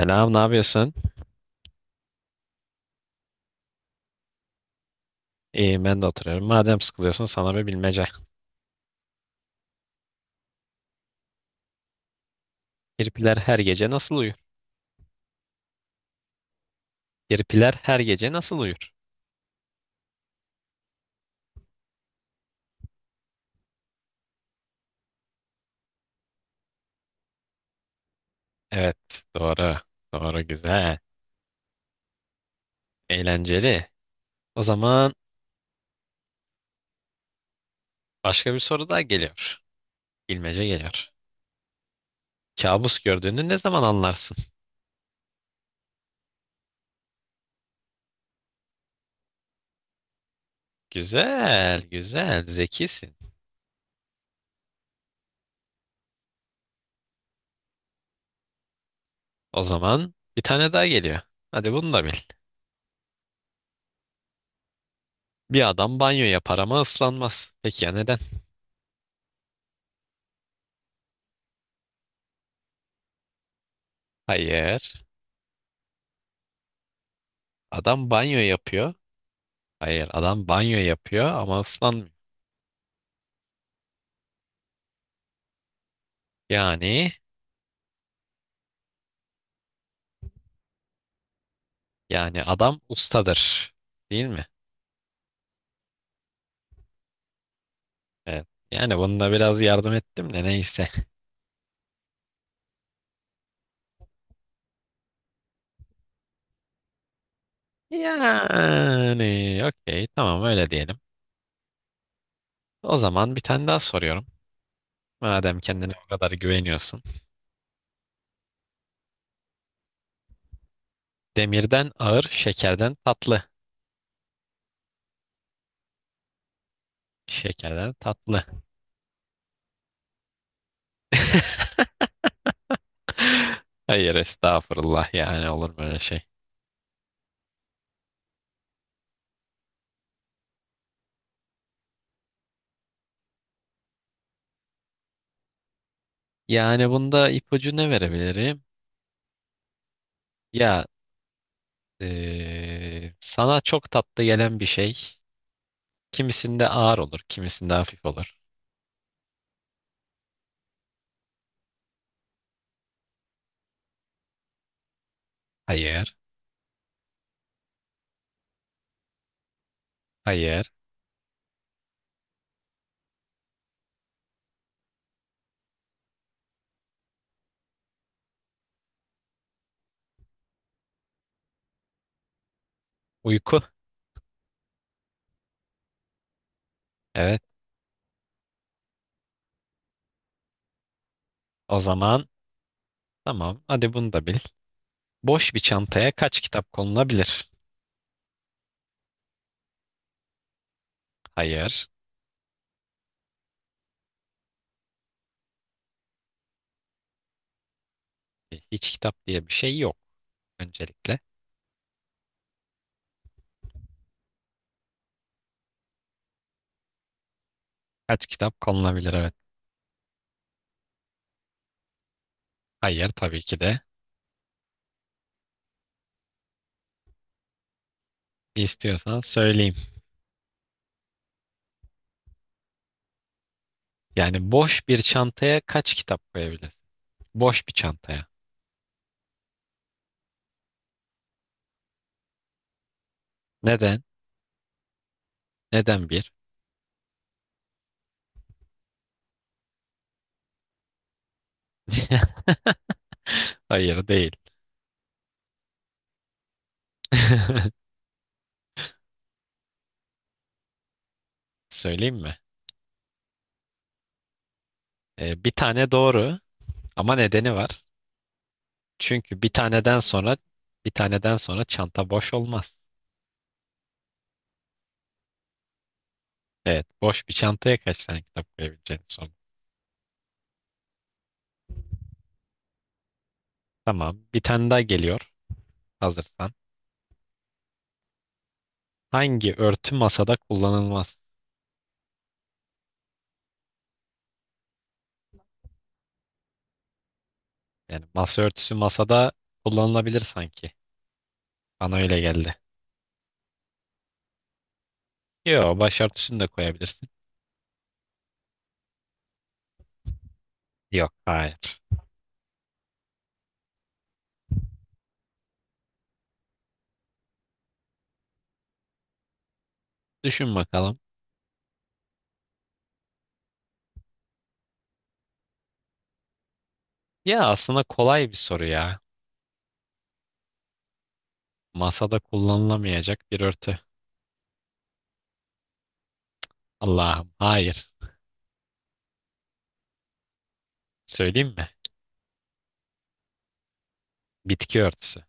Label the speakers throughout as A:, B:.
A: Selam, ne yapıyorsun? İyiyim, ben de oturuyorum. Madem sıkılıyorsun sana bir bilmece. Kirpiler her gece nasıl uyur? Kirpiler her gece nasıl uyur? Evet, doğru. Doğru, güzel. Eğlenceli. O zaman başka bir soru daha geliyor. Bilmece geliyor. Kabus gördüğünü ne zaman anlarsın? Güzel, güzel, zekisin. O zaman bir tane daha geliyor. Hadi bunu da bil. Bir adam banyo yapar ama ıslanmaz. Peki ya neden? Hayır. Adam banyo yapıyor. Hayır adam banyo yapıyor ama ıslanmıyor. Yani yani adam ustadır. Değil mi? Evet. Yani bununla biraz yardım ettim de neyse. Yani okey tamam öyle diyelim. O zaman bir tane daha soruyorum. Madem kendine o kadar güveniyorsun. Demirden ağır, şekerden tatlı. Şekerden tatlı. Hayır estağfurullah yani olur mu öyle şey? Yani bunda ipucu ne verebilirim? Ya sana çok tatlı gelen bir şey. Kimisinde ağır olur, kimisinde hafif olur. Hayır, hayır. Uyku. Evet. O zaman tamam. Hadi bunu da bil. Boş bir çantaya kaç kitap konulabilir? Hayır. Hiç kitap diye bir şey yok öncelikle. Kaç kitap konulabilir? Evet. Hayır tabii ki de. İstiyorsan söyleyeyim. Yani boş bir çantaya kaç kitap koyabilirsin? Boş bir çantaya. Neden? Neden bir? Hayır değil. Söyleyeyim mi? Bir tane doğru ama nedeni var. Çünkü bir taneden sonra çanta boş olmaz. Evet, boş bir çantaya kaç tane kitap koyabileceğini sor. Tamam, bir tane daha geliyor hazırsan. Hangi örtü masada kullanılmaz? Yani masa örtüsü masada kullanılabilir sanki. Bana öyle geldi. Yok, başörtüsünü de koyabilirsin. Yok, hayır. Düşün bakalım. Ya aslında kolay bir soru ya. Masada kullanılamayacak bir örtü. Allah'ım, hayır. Söyleyeyim mi? Bitki örtüsü.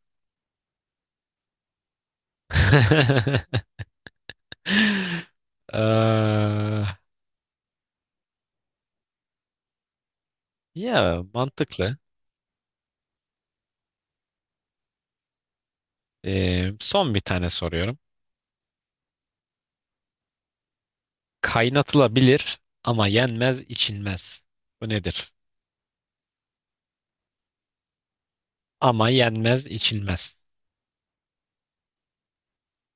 A: Eee, ya mantıklı. Son bir tane soruyorum. Kaynatılabilir ama yenmez, içilmez. Bu nedir? Ama yenmez, içilmez.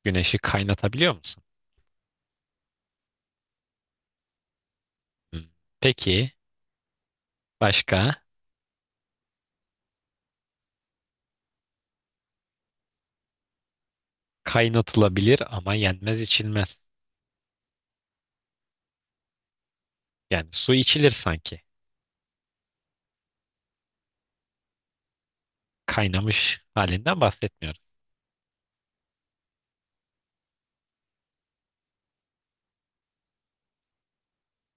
A: Güneşi kaynatabiliyor musun? Hmm. Peki başka? Kaynatılabilir ama yenmez, içilmez. Yani su içilir sanki. Kaynamış halinden bahsetmiyorum.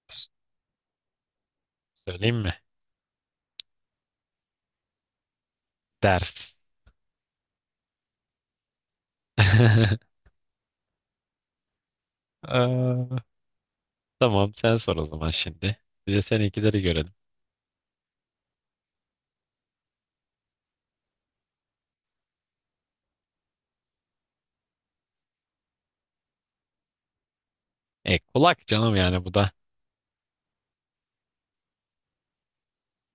A: S- Söyleyeyim mi? Ders. Eee, tamam sen sor o zaman şimdi. Bir de seninkileri görelim. E kulak canım yani bu da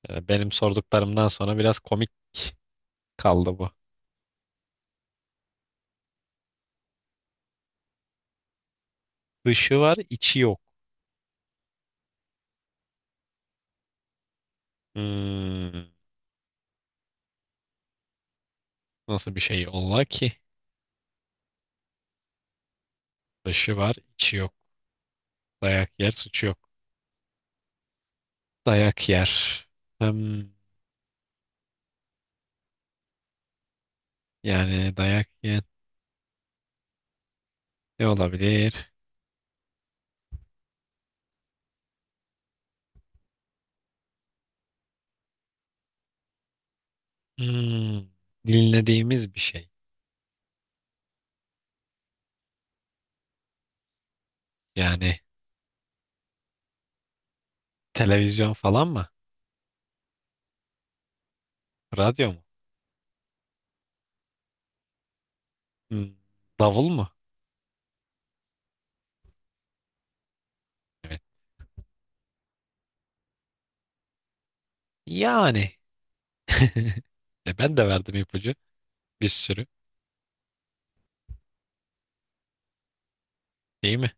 A: benim sorduklarımdan sonra biraz komik kaldı bu. Dışı var içi yok. Hmm, nasıl bir şey ola ki? Dışı var içi yok. Dayak yer suçu yok. Dayak yer. Hmm, yani dayak yer ne olabilir? Hmm, dinlediğimiz bir şey. Yani televizyon falan mı? Radyo mu? Hmm, davul mu? Evet. Yani. E ben de verdim ipucu. Bir sürü. Değil mi?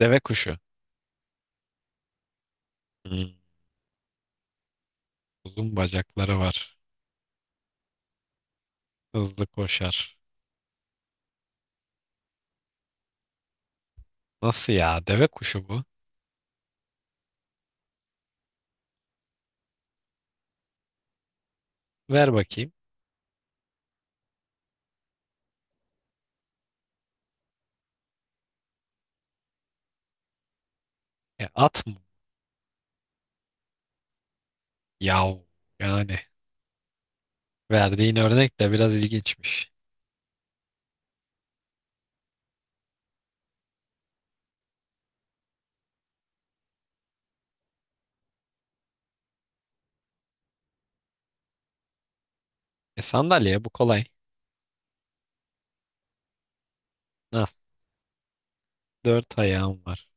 A: Deve kuşu. Hmm, uzun bacakları var. Hızlı koşar. Nasıl ya? Deve kuşu bu. Ver bakayım. E, at mı? Yav. Yani verdiğin örnek de biraz ilginçmiş. E, sandalye bu kolay. Nasıl? Dört ayağım var.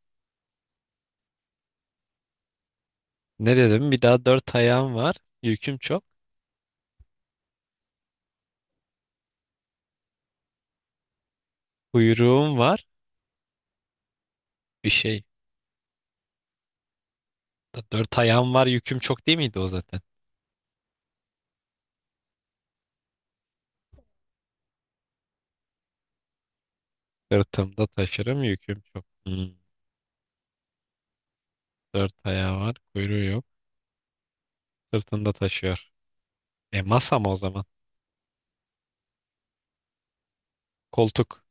A: Ne dedim? Bir daha dört ayağım var. Yüküm çok. Kuyruğum var. Bir şey. Dört ayağım var. Yüküm çok değil miydi o zaten? Sırtımda taşırım. Yüküm çok. Hmm, dört ayağı var. Kuyruğu yok. Sırtında taşıyor. E masa mı o zaman? Koltuk.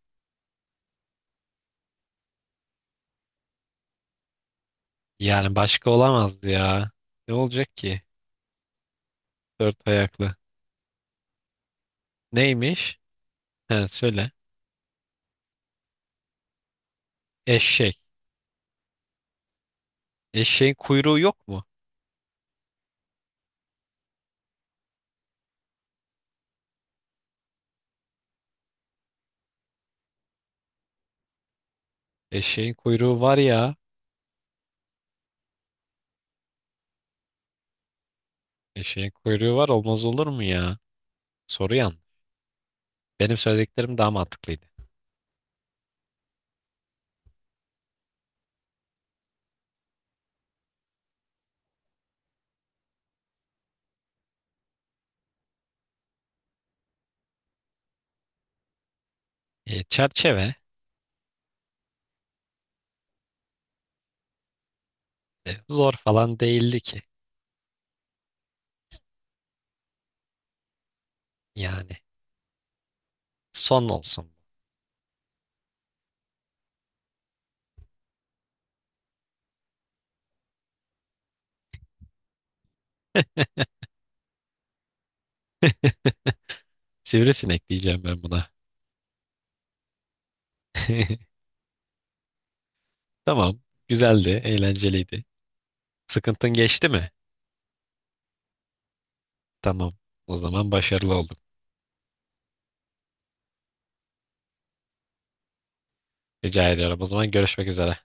A: Yani başka olamazdı ya. Ne olacak ki? Dört ayaklı. Neymiş? He söyle. Eşek. Eşeğin kuyruğu yok mu? Eşeğin kuyruğu var ya. Eşeğin kuyruğu var olmaz olur mu ya? Soru yanlış. Benim söylediklerim daha mantıklıydı. E, çerçeve. E, zor falan değildi ki. Yani son olsun. Sivrisinek diyeceğim ben buna. Tamam. Güzeldi, eğlenceliydi. Sıkıntın geçti mi? Tamam. O zaman başarılı olduk. Rica ediyorum. O zaman görüşmek üzere.